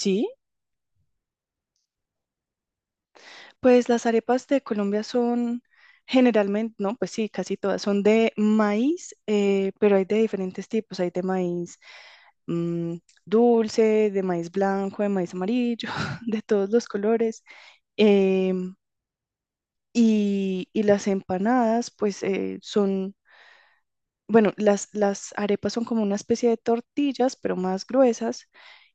Sí, pues las arepas de Colombia son generalmente, no, pues sí, casi todas son de maíz, pero hay de diferentes tipos. Hay de maíz mm, dulce, de maíz blanco, de maíz amarillo, de todos los colores. em, y las empanadas, pues son. Bueno, las arepas son como una especie de tortillas, pero más gruesas,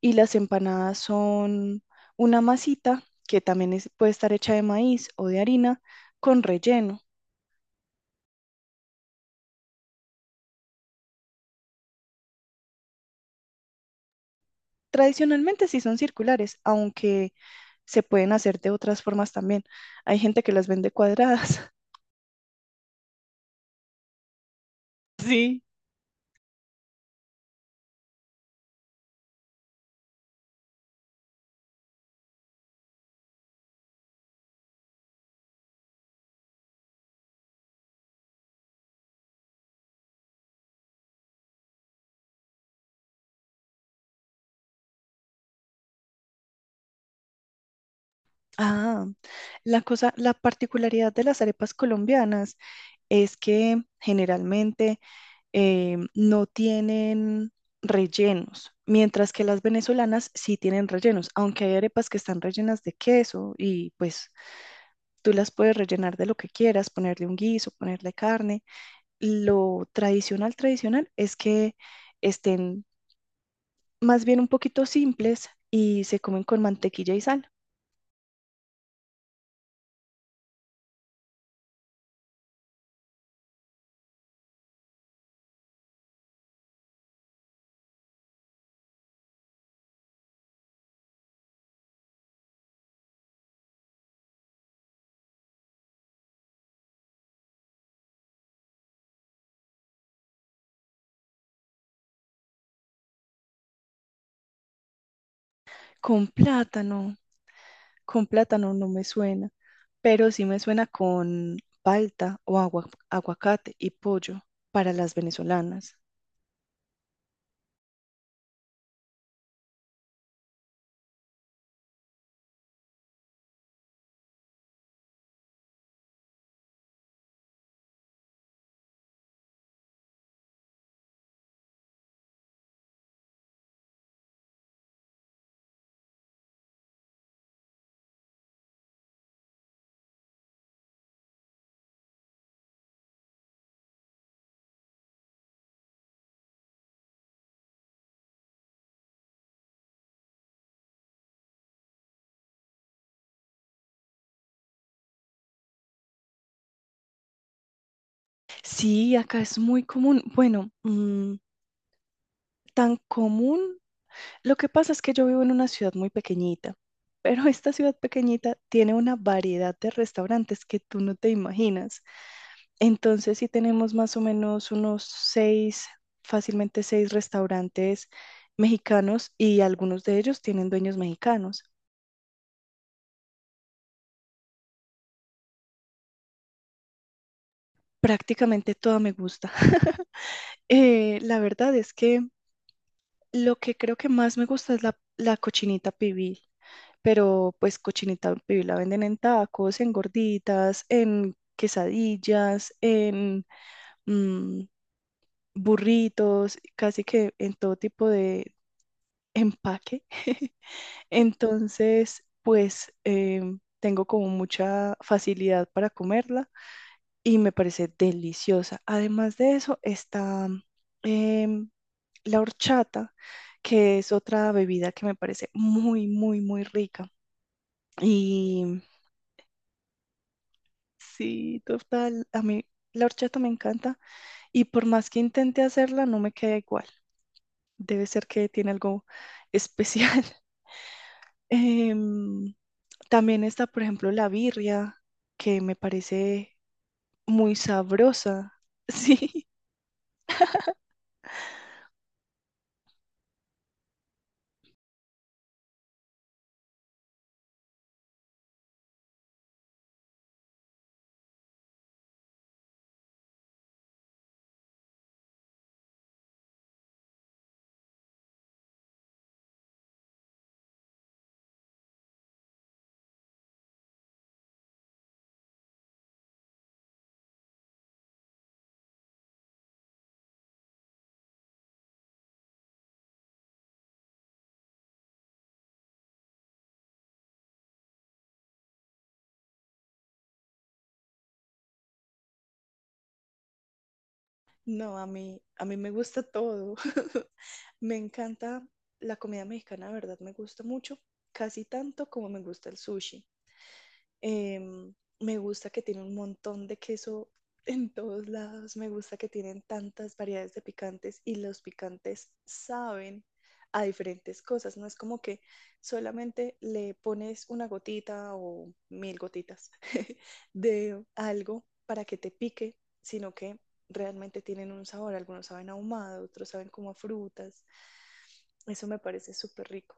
y las empanadas son una masita que también puede estar hecha de maíz o de harina con relleno. Tradicionalmente sí son circulares, aunque se pueden hacer de otras formas también. Hay gente que las vende cuadradas. Sí. Ah, la cosa, la particularidad de las arepas colombianas es que generalmente no tienen rellenos, mientras que las venezolanas sí tienen rellenos, aunque hay arepas que están rellenas de queso y pues tú las puedes rellenar de lo que quieras, ponerle un guiso, ponerle carne. Lo tradicional, tradicional es que estén más bien un poquito simples y se comen con mantequilla y sal, con plátano, con plátano no me suena, pero sí me suena con palta o aguacate y pollo para las venezolanas. Sí, acá es muy común. Bueno, tan común. Lo que pasa es que yo vivo en una ciudad muy pequeñita, pero esta ciudad pequeñita tiene una variedad de restaurantes que tú no te imaginas. Entonces, sí tenemos más o menos unos seis, fácilmente seis restaurantes mexicanos y algunos de ellos tienen dueños mexicanos. Prácticamente toda me gusta. La verdad es que lo que creo que más me gusta es la cochinita pibil. Pero pues cochinita pibil la venden en tacos, en gorditas, en quesadillas, en mm, burritos, casi que en todo tipo de empaque. Entonces, pues tengo como mucha facilidad para comerla y me parece deliciosa. Además de eso, está em, la horchata, que es otra bebida que me parece muy, muy, muy rica. Y sí, total. A mí la horchata me encanta y por más que intente hacerla, no me queda igual. Debe ser que tiene algo especial. Em, también está, por ejemplo, la birria, que me parece muy sabrosa. Sí, no, a mí me gusta todo. Me encanta la comida mexicana, de verdad, me gusta mucho, casi tanto como me gusta el sushi. Em, me gusta que tiene un montón de queso en todos lados. Me gusta que tienen tantas variedades de picantes y los picantes saben a diferentes cosas. No es como que solamente le pones una gotita o mil gotitas de algo para que te pique, sino que realmente tienen un sabor. Algunos saben a ahumado, otros saben como a frutas. Eso me parece súper rico.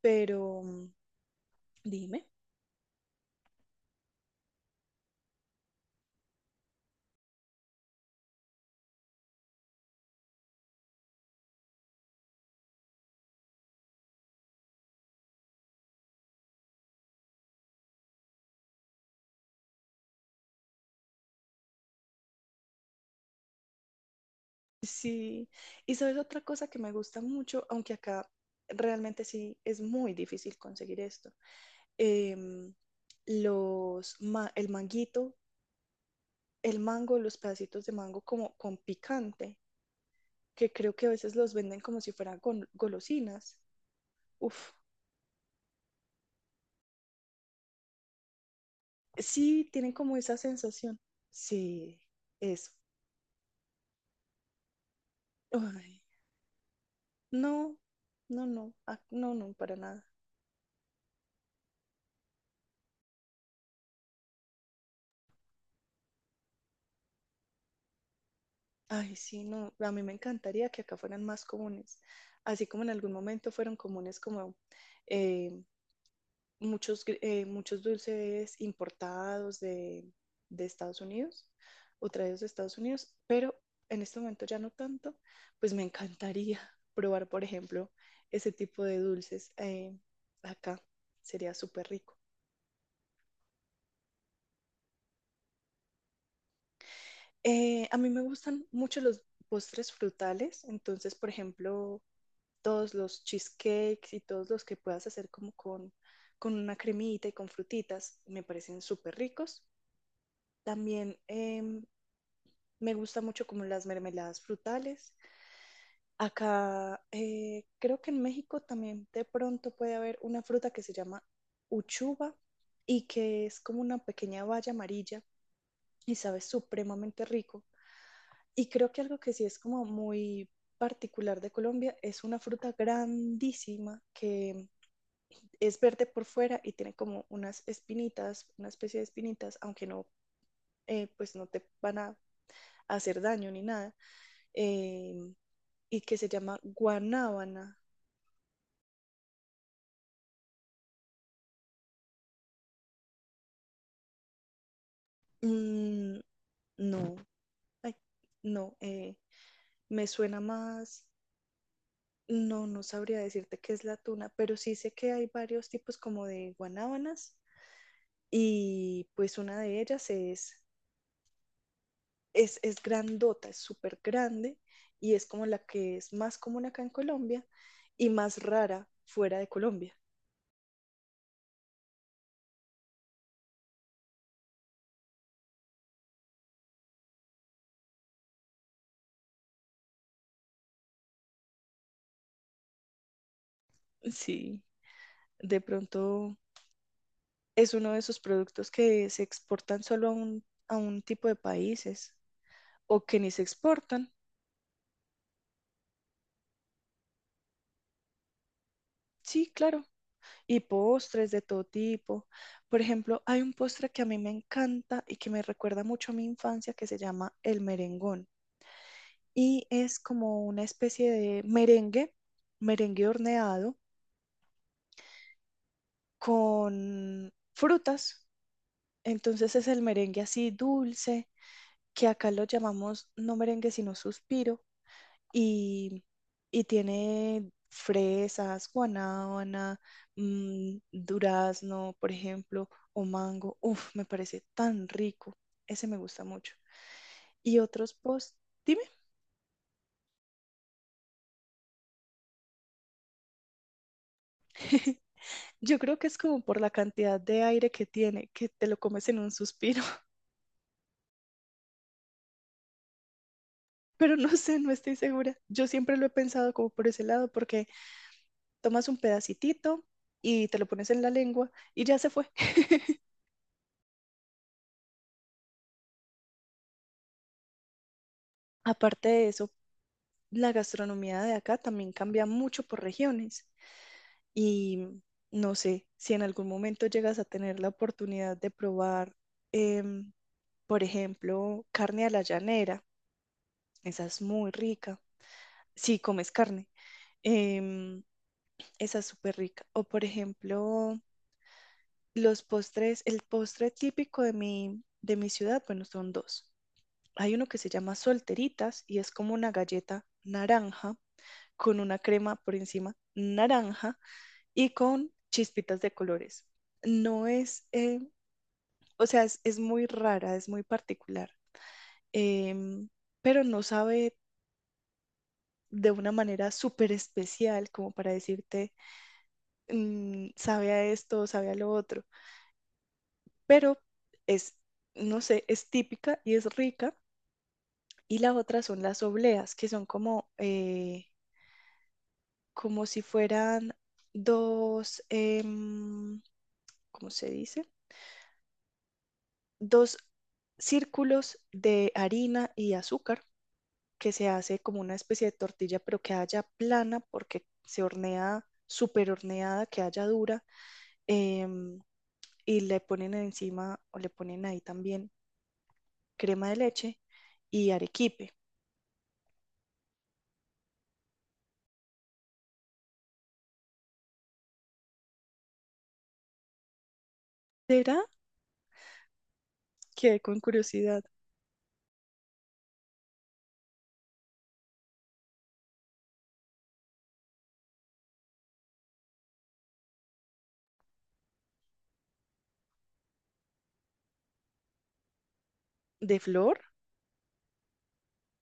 Pero dime. Sí, y sabes otra cosa que me gusta mucho, aunque acá realmente sí es muy difícil conseguir esto. em, el manguito, el mango, los pedacitos de mango como con picante, que creo que a veces los venden como si fueran golosinas. Uf, sí, tienen como esa sensación. Sí, eso. Ay, no, no, no, no, no, para nada. Ay, sí, no, a mí me encantaría que acá fueran más comunes, así como en algún momento fueron comunes como eh, muchos dulces importados de Estados Unidos o traídos de Estados Unidos, pero en este momento ya no tanto, pues me encantaría probar, por ejemplo, ese tipo de dulces acá, sería súper rico. A mí me gustan mucho los postres frutales, entonces, por ejemplo, todos los cheesecakes y todos los que puedas hacer como con una cremita y con frutitas, me parecen súper ricos. También me gusta mucho como las mermeladas frutales. Acá creo que en México también de pronto puede haber una fruta que se llama uchuva y que es como una pequeña baya amarilla y sabe supremamente rico. Y creo que algo que sí es como muy particular de Colombia es una fruta grandísima que es verde por fuera y tiene como unas espinitas, una especie de espinitas, aunque no, pues no te van a hacer daño ni nada, eh, y que se llama guanábana. Mm, no, ay, no, me suena más, no, no sabría decirte qué es la tuna, pero sí sé que hay varios tipos como de guanábanas y pues una de ellas es grandota, es súper grande y es como la que es más común acá en Colombia y más rara fuera de Colombia. Sí, de pronto es uno de esos productos que se exportan solo a a un tipo de países o que ni se exportan. Sí, claro. Y postres de todo tipo. Por ejemplo, hay un postre que a mí me encanta y que me recuerda mucho a mi infancia que se llama el merengón. Y es como una especie de merengue, merengue horneado con frutas. Entonces es el merengue así dulce, que acá lo llamamos no merengue sino suspiro, y, y tiene fresas, guanábana, durazno, por ejemplo, o mango. Uf, me parece tan rico. Ese me gusta mucho. Y otros post, dime. Yo creo que es como por la cantidad de aire que tiene, que te lo comes en un suspiro. Pero no sé, no estoy segura. Yo siempre lo he pensado como por ese lado, porque tomas un pedacitito y te lo pones en la lengua y ya se fue. Aparte de eso, la gastronomía de acá también cambia mucho por regiones y no sé si en algún momento llegas a tener la oportunidad de probar, em, por ejemplo, carne a la llanera. Esa es muy rica. Si comes carne, em, esa es súper rica. O por ejemplo, los postres, el postre típico de de mi ciudad, bueno, son dos. Hay uno que se llama solteritas y es como una galleta naranja con una crema por encima naranja y con chispitas de colores. No es, o sea, es muy rara, es muy particular, em, pero no sabe de una manera súper especial como para decirte, sabe a esto, sabe a lo otro, pero es, no sé, es típica y es rica y la otra son las obleas, que son como, como si fueran dos, ¿cómo se dice? Dos círculos de harina y azúcar que se hace como una especie de tortilla, pero que haya plana porque se hornea súper horneada, que haya dura, em, y le ponen encima o le ponen ahí también crema de leche y arequipe. ¿Será que con curiosidad de flor?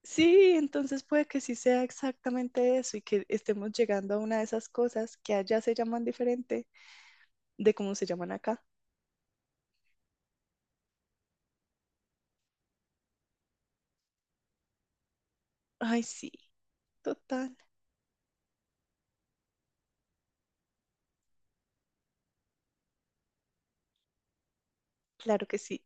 Sí, entonces puede que sí sea exactamente eso y que estemos llegando a una de esas cosas que allá se llaman diferente de cómo se llaman acá. Ay, sí, total, claro que sí.